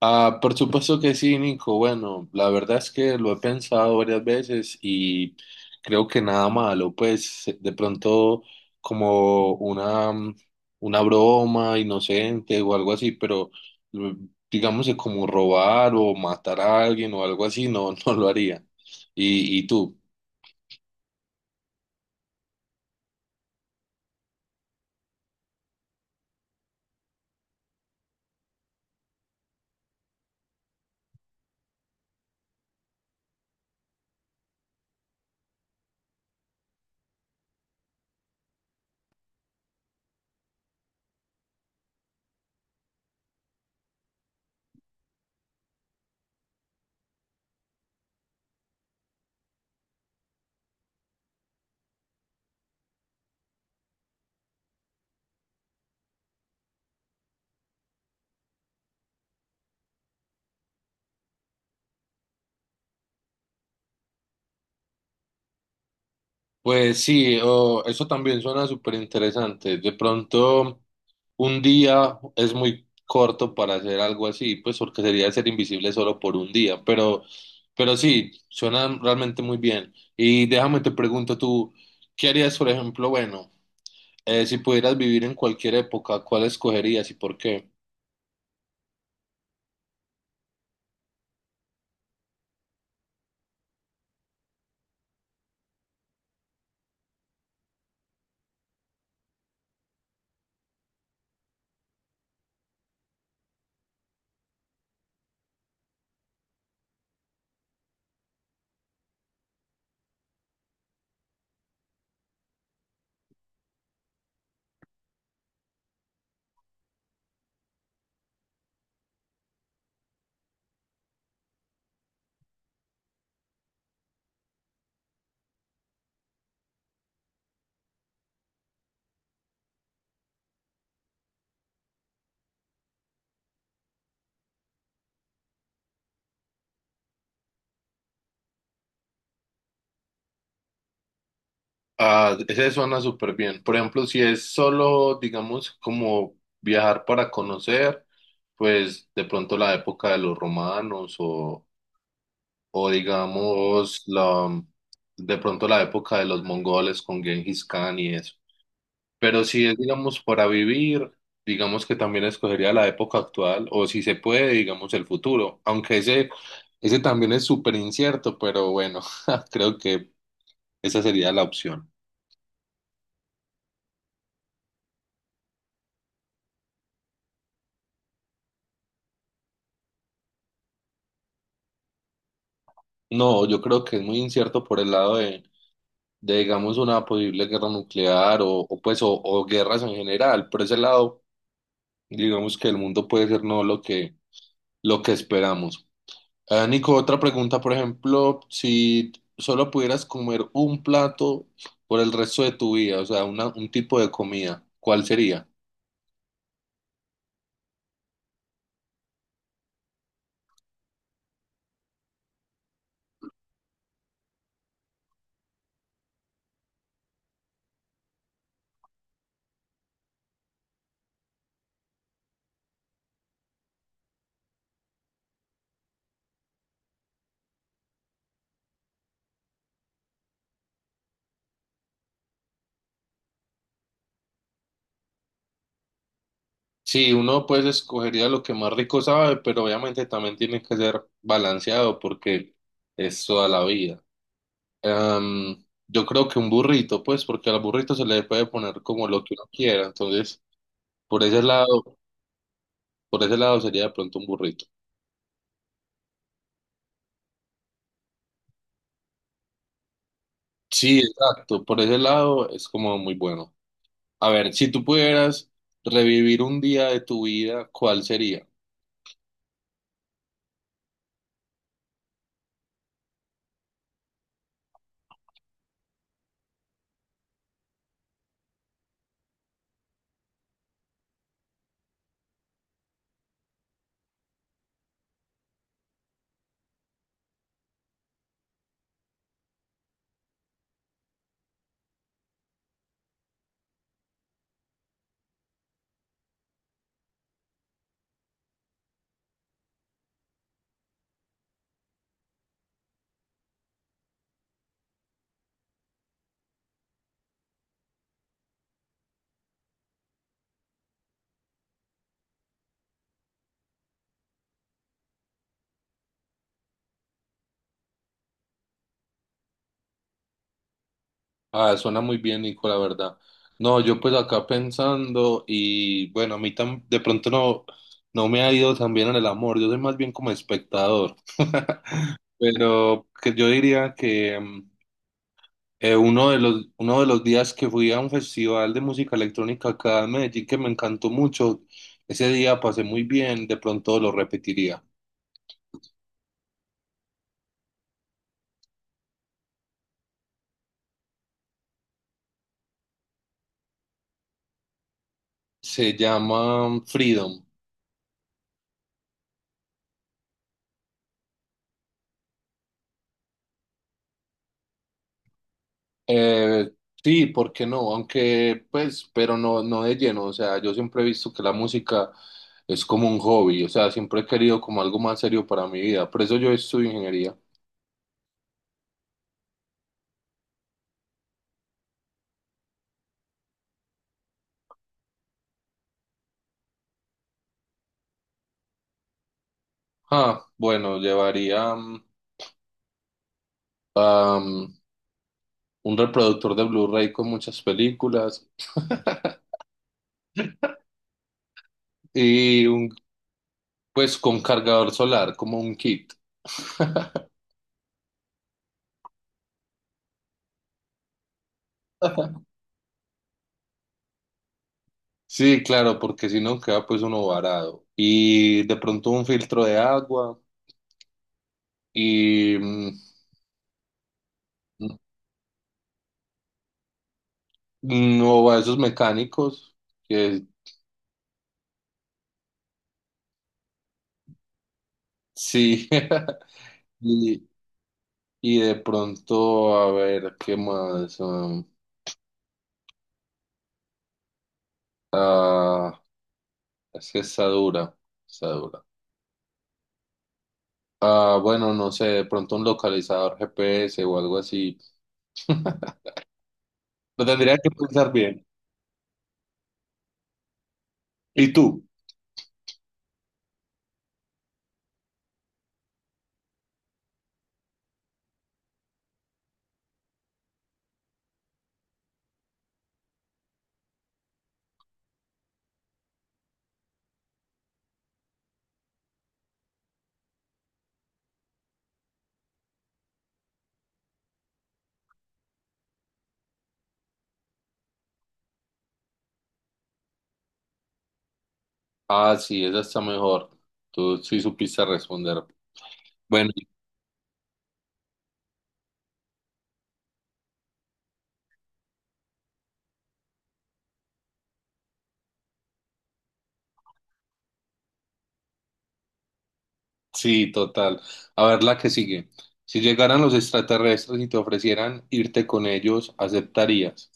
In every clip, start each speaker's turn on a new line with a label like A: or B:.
A: Ah, por supuesto que sí, Nico. Bueno, la verdad es que lo he pensado varias veces y creo que nada malo, pues de pronto como una, una broma inocente o algo así, pero mm, digamos que como robar o matar a alguien o algo así, no, no lo haría. ¿Y tú? Pues sí, eso también suena súper interesante. De pronto, un día es muy corto para hacer algo así, pues porque sería ser invisible solo por un día, pero sí, suena realmente muy bien. Y déjame te pregunto tú, ¿qué harías, por ejemplo, bueno, si pudieras vivir en cualquier época, ¿cuál escogerías y por qué? Ah, ese suena súper bien. Por ejemplo, si es solo, digamos, como viajar para conocer, pues de pronto la época de los romanos o digamos, de pronto la época de los mongoles con Genghis Khan y eso. Pero si es, digamos, para vivir, digamos que también escogería la época actual o si se puede, digamos, el futuro. Ese también es súper incierto, pero bueno, creo que esa sería la opción. No, yo creo que es muy incierto por el lado de, digamos, una posible guerra nuclear o guerras en general. Por ese lado, digamos que el mundo puede ser no lo que esperamos. Ah, Nico, otra pregunta. Por ejemplo, si solo pudieras comer un plato por el resto de tu vida, o sea, un tipo de comida, ¿cuál sería? Sí, uno pues escogería lo que más rico sabe, pero obviamente también tiene que ser balanceado porque es toda la vida. Am, yo creo que un burrito, pues, porque al burrito se le puede poner como lo que uno quiera. Entonces, por ese lado, por ese lado sería de pronto un burrito. Sí, exacto. Por ese lado es como muy bueno. A ver, si tú pudieras revivir un día de tu vida, ¿cuál sería? Ah, suena muy bien, Nico, la verdad. No, yo pues acá pensando y bueno, a mí tan, de pronto no, no me ha ido tan bien en el amor. Yo soy más bien como espectador. Pero que yo diría que uno de uno de los días que fui a un festival de música electrónica acá en Medellín que me encantó mucho, ese día pasé muy bien, de pronto lo repetiría. Se llama Freedom. Eh, sí, ¿por qué no? Aunque, pues, pero no, no de lleno. O sea, yo siempre he visto que la música es como un hobby. O sea, siempre he querido como algo más serio para mi vida. Por eso yo estudio ingeniería. Ah, bueno, llevaría am, un reproductor de Blu-ray con muchas películas. Y un, pues con cargador solar, como un kit. Sí, claro, porque si no queda pues uno varado. Y de pronto un filtro de agua y no a esos mecánicos que sí. Y, y de pronto, a ver, ¿qué más? Ah, es que está dura, está dura. Ah, bueno, no sé, de pronto un localizador GPS o algo así. Lo tendría que pensar bien. ¿Y tú? Ah, sí, esa está mejor. Tú sí supiste responder. Bueno, sí, total. A ver la que sigue. Si llegaran los extraterrestres y te ofrecieran irte con ellos, ¿aceptarías?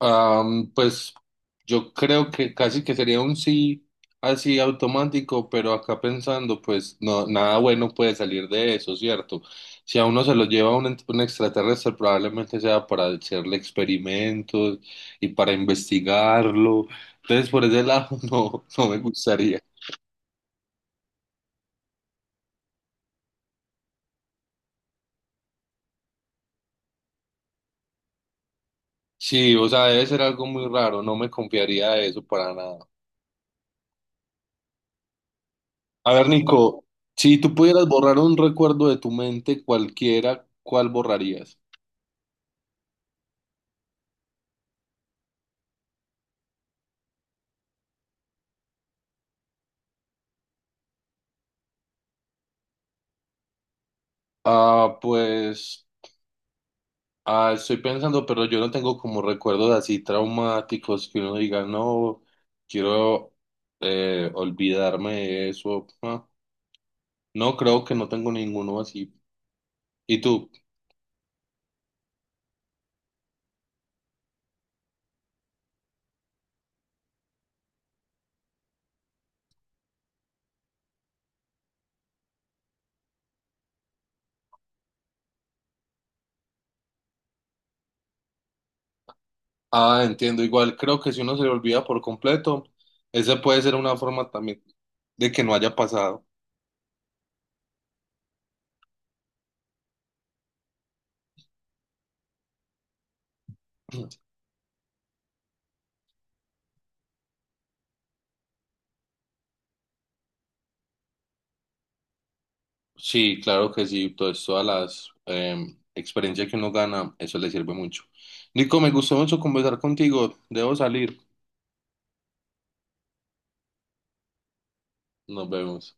A: Pues yo creo que casi que sería un sí así automático, pero acá pensando, pues no, nada bueno puede salir de eso, ¿cierto? Si a uno se lo lleva un extraterrestre, probablemente sea para hacerle experimentos y para investigarlo. Entonces, por ese lado, no, no me gustaría. Sí, o sea, debe ser algo muy raro, no me confiaría de eso para nada. A ver, Nico, si tú pudieras borrar un recuerdo de tu mente cualquiera, ¿cuál borrarías? Ah, pues estoy pensando, pero yo no tengo como recuerdos así traumáticos que uno diga, no, quiero olvidarme de eso. Ah, no, creo que no tengo ninguno así. ¿Y tú? Ah, entiendo, igual creo que si uno se le olvida por completo, esa puede ser una forma también de que no haya pasado. Sí, claro que sí, pues todas las experiencias que uno gana, eso le sirve mucho. Nico, me gustó mucho conversar contigo, debo salir. Nos vemos.